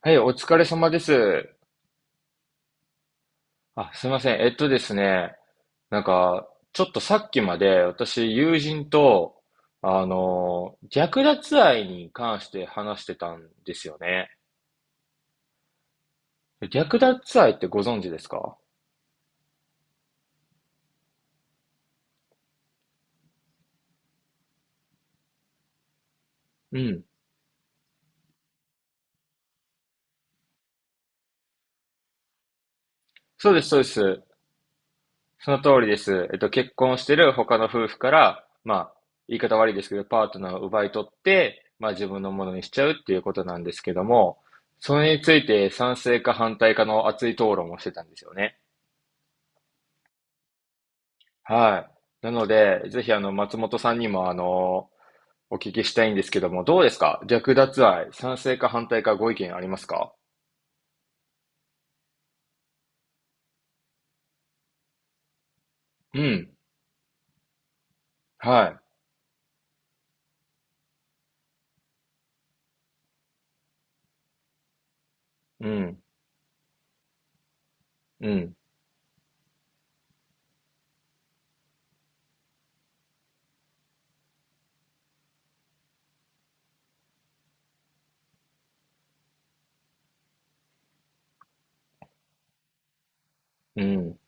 はい、お疲れ様です。あ、すいません。えっとですね、なんか、ちょっとさっきまで私、友人と、略奪愛に関して話してたんですよね。略奪愛ってご存知ですか？うん。そうです、そうです。その通りです。結婚してる他の夫婦から、まあ、言い方悪いですけど、パートナーを奪い取って、まあ自分のものにしちゃうっていうことなんですけども、それについて賛成か反対かの熱い討論をしてたんですよね。はい。なので、ぜひ松本さんにもお聞きしたいんですけども、どうですか略奪愛、賛成か反対かご意見ありますか？うん。はい。うん。うん。うん。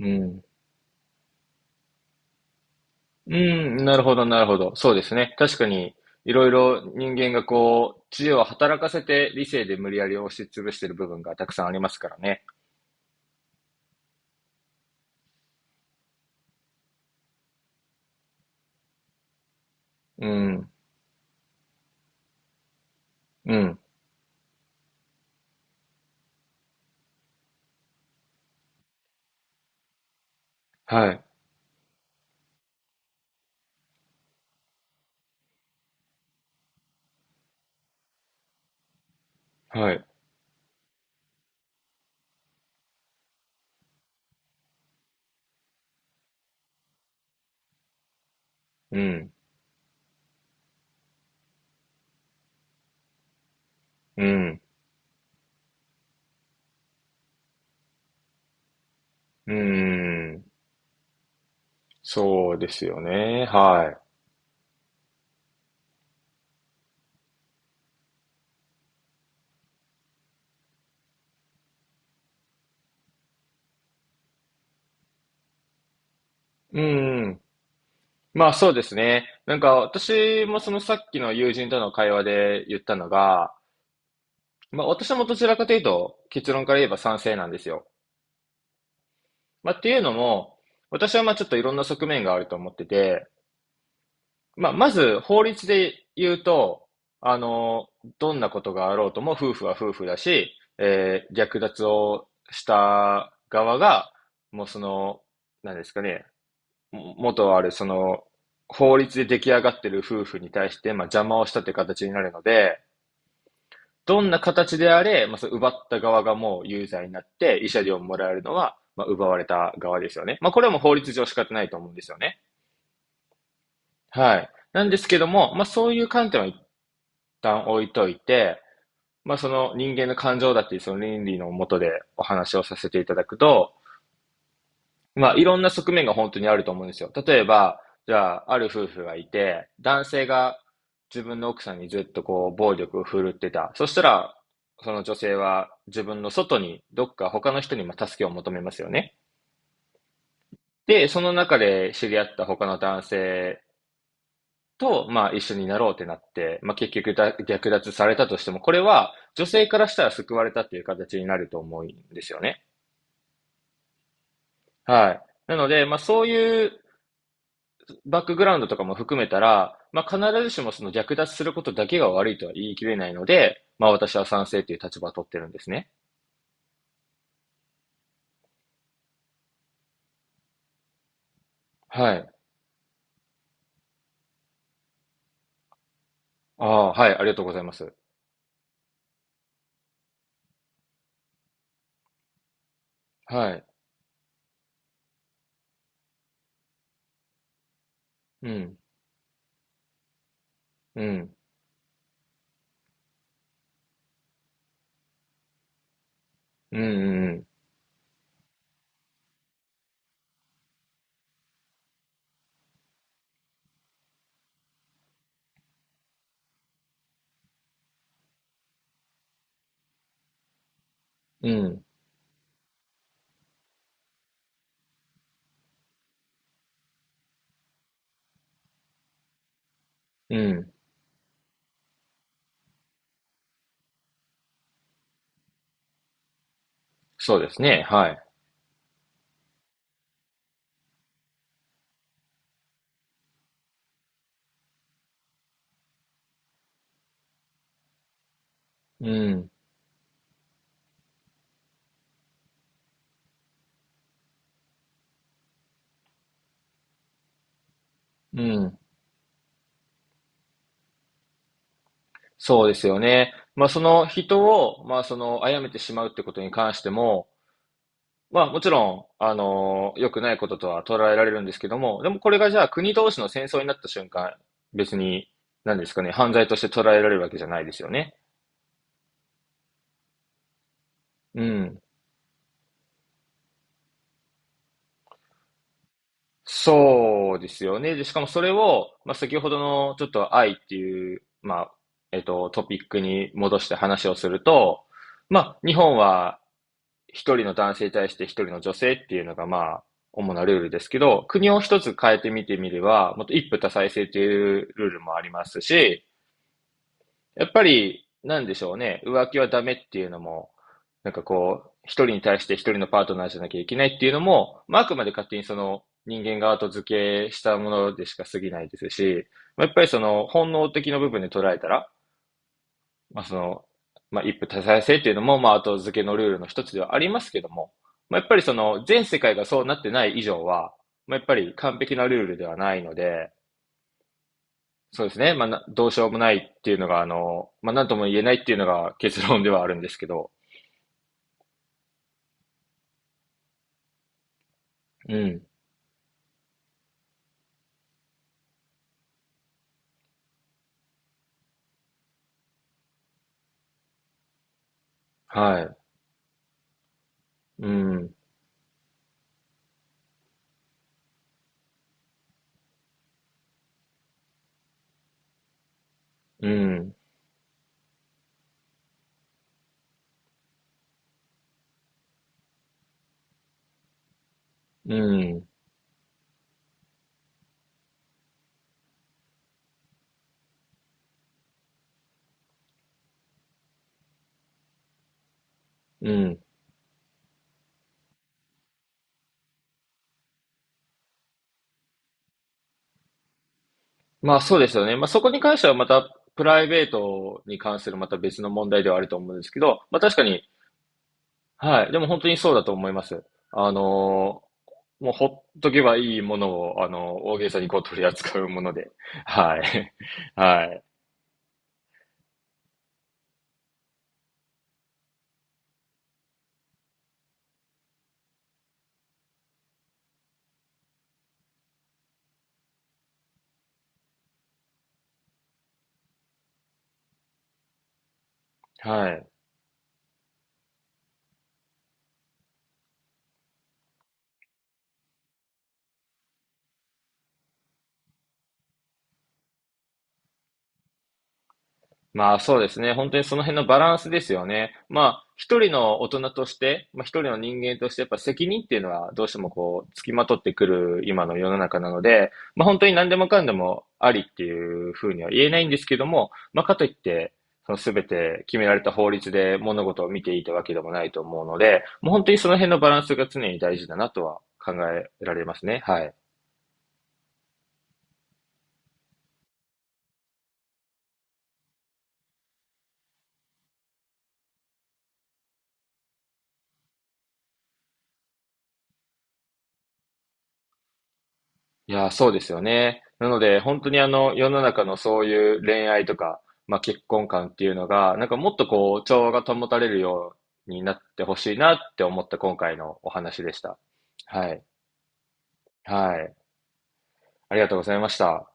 うん。うん。なるほど、なるほど。そうですね。確かに、いろいろ人間がこう、知恵を働かせて理性で無理やり押し潰してる部分がたくさんありますからね。うん。うん。はい。はい。うん。うん。うん。そうですよね。はい。うん。まあそうですね。なんか私もそのさっきの友人との会話で言ったのが、まあ私もどちらかというと結論から言えば賛成なんですよ。まあっていうのも、私はまあちょっといろんな側面があると思ってて、まあまず法律で言うと、あの、どんなことがあろうとも夫婦は夫婦だし、略奪をした側が、もうその、なんですかね、も元ある、その、法律で出来上がってる夫婦に対して、まあ、邪魔をしたという形になるので、どんな形であれ、まあ、その奪った側がもう有罪になって、慰謝料をもらえるのは、まあ、奪われた側ですよね。まあ、これはもう法律上仕方ないと思うんですよね。はい。なんですけども、まあ、そういう観点は一旦置いといて、まあ、その人間の感情だっていうその倫理のもとでお話をさせていただくと、まあ、いろんな側面が本当にあると思うんですよ。例えば、じゃあ、ある夫婦がいて、男性が自分の奥さんにずっとこう、暴力を振るってた。そしたら、その女性は自分の外に、どっか他の人にも助けを求めますよね。で、その中で知り合った他の男性と、まあ、一緒になろうってなって、まあ、結局だ略奪されたとしても、これは女性からしたら救われたっていう形になると思うんですよね。はい。なので、まあ、そういうバックグラウンドとかも含めたら、まあ、必ずしもその略奪することだけが悪いとは言い切れないので、まあ、私は賛成という立場を取ってるんですね。はい。ああ、はい、ありがとうございます。はい。うん、うん、うん、うん、うん、うん。そうですね。はい。うん、うん。そうですよね。まあ、その人を、まあ、その、殺めてしまうってことに関しても、まあもちろん、良くないこととは捉えられるんですけども、でもこれがじゃあ国同士の戦争になった瞬間、別に、何ですかね、犯罪として捉えられるわけじゃないですよね。うん。そうですよね。で、しかもそれを、まあ先ほどのちょっと愛っていう、まあ、トピックに戻して話をすると、まあ日本は一人の男性に対して一人の女性っていうのがまあ、主なルールですけど、国を一つ変えてみてみれば、もっと一夫多妻制というルールもありますし、やっぱり、なんでしょうね、浮気はダメっていうのも、なんかこう、一人に対して一人のパートナーじゃなきゃいけないっていうのも、まあ、あくまで勝手にその人間が後付けしたものでしか過ぎないですし、まあ、やっぱりその本能的な部分で捉えたら、まあ、その、まあ、一夫多妻制っていうのも、まあ、後付けのルールの一つではありますけども、まあ、やっぱりその全世界がそうなってない以上は、まあ、やっぱり完璧なルールではないので、そうですね。まあ、などうしようもないっていうのが、まあ、なんとも言えないっていうのが結論ではあるんですけど。うん。はい。うん。うん。うん。うん。まあ、そうですよね。まあ、そこに関してはまた、プライベートに関するまた別の問題ではあると思うんですけど、まあ、確かに、はい。でも本当にそうだと思います。あの、もうほっとけばいいものを、大げさにこう取り扱うもので。はい。はい。はい。まあそうですね。本当にその辺のバランスですよね。まあ一人の大人として、まあ一人の人間としてやっぱ責任っていうのはどうしてもこう付きまとってくる今の世の中なので、まあ本当に何でもかんでもありっていうふうには言えないんですけども、まあかといって、その全て決められた法律で物事を見ていたわけでもないと思うので、もう本当にその辺のバランスが常に大事だなとは考えられますね。はい。いやー、そうですよね。なので、本当に世の中のそういう恋愛とか、まあ結婚観っていうのが、なんかもっとこう、調和が保たれるようになってほしいなって思った今回のお話でした。はい。はい。ありがとうございました。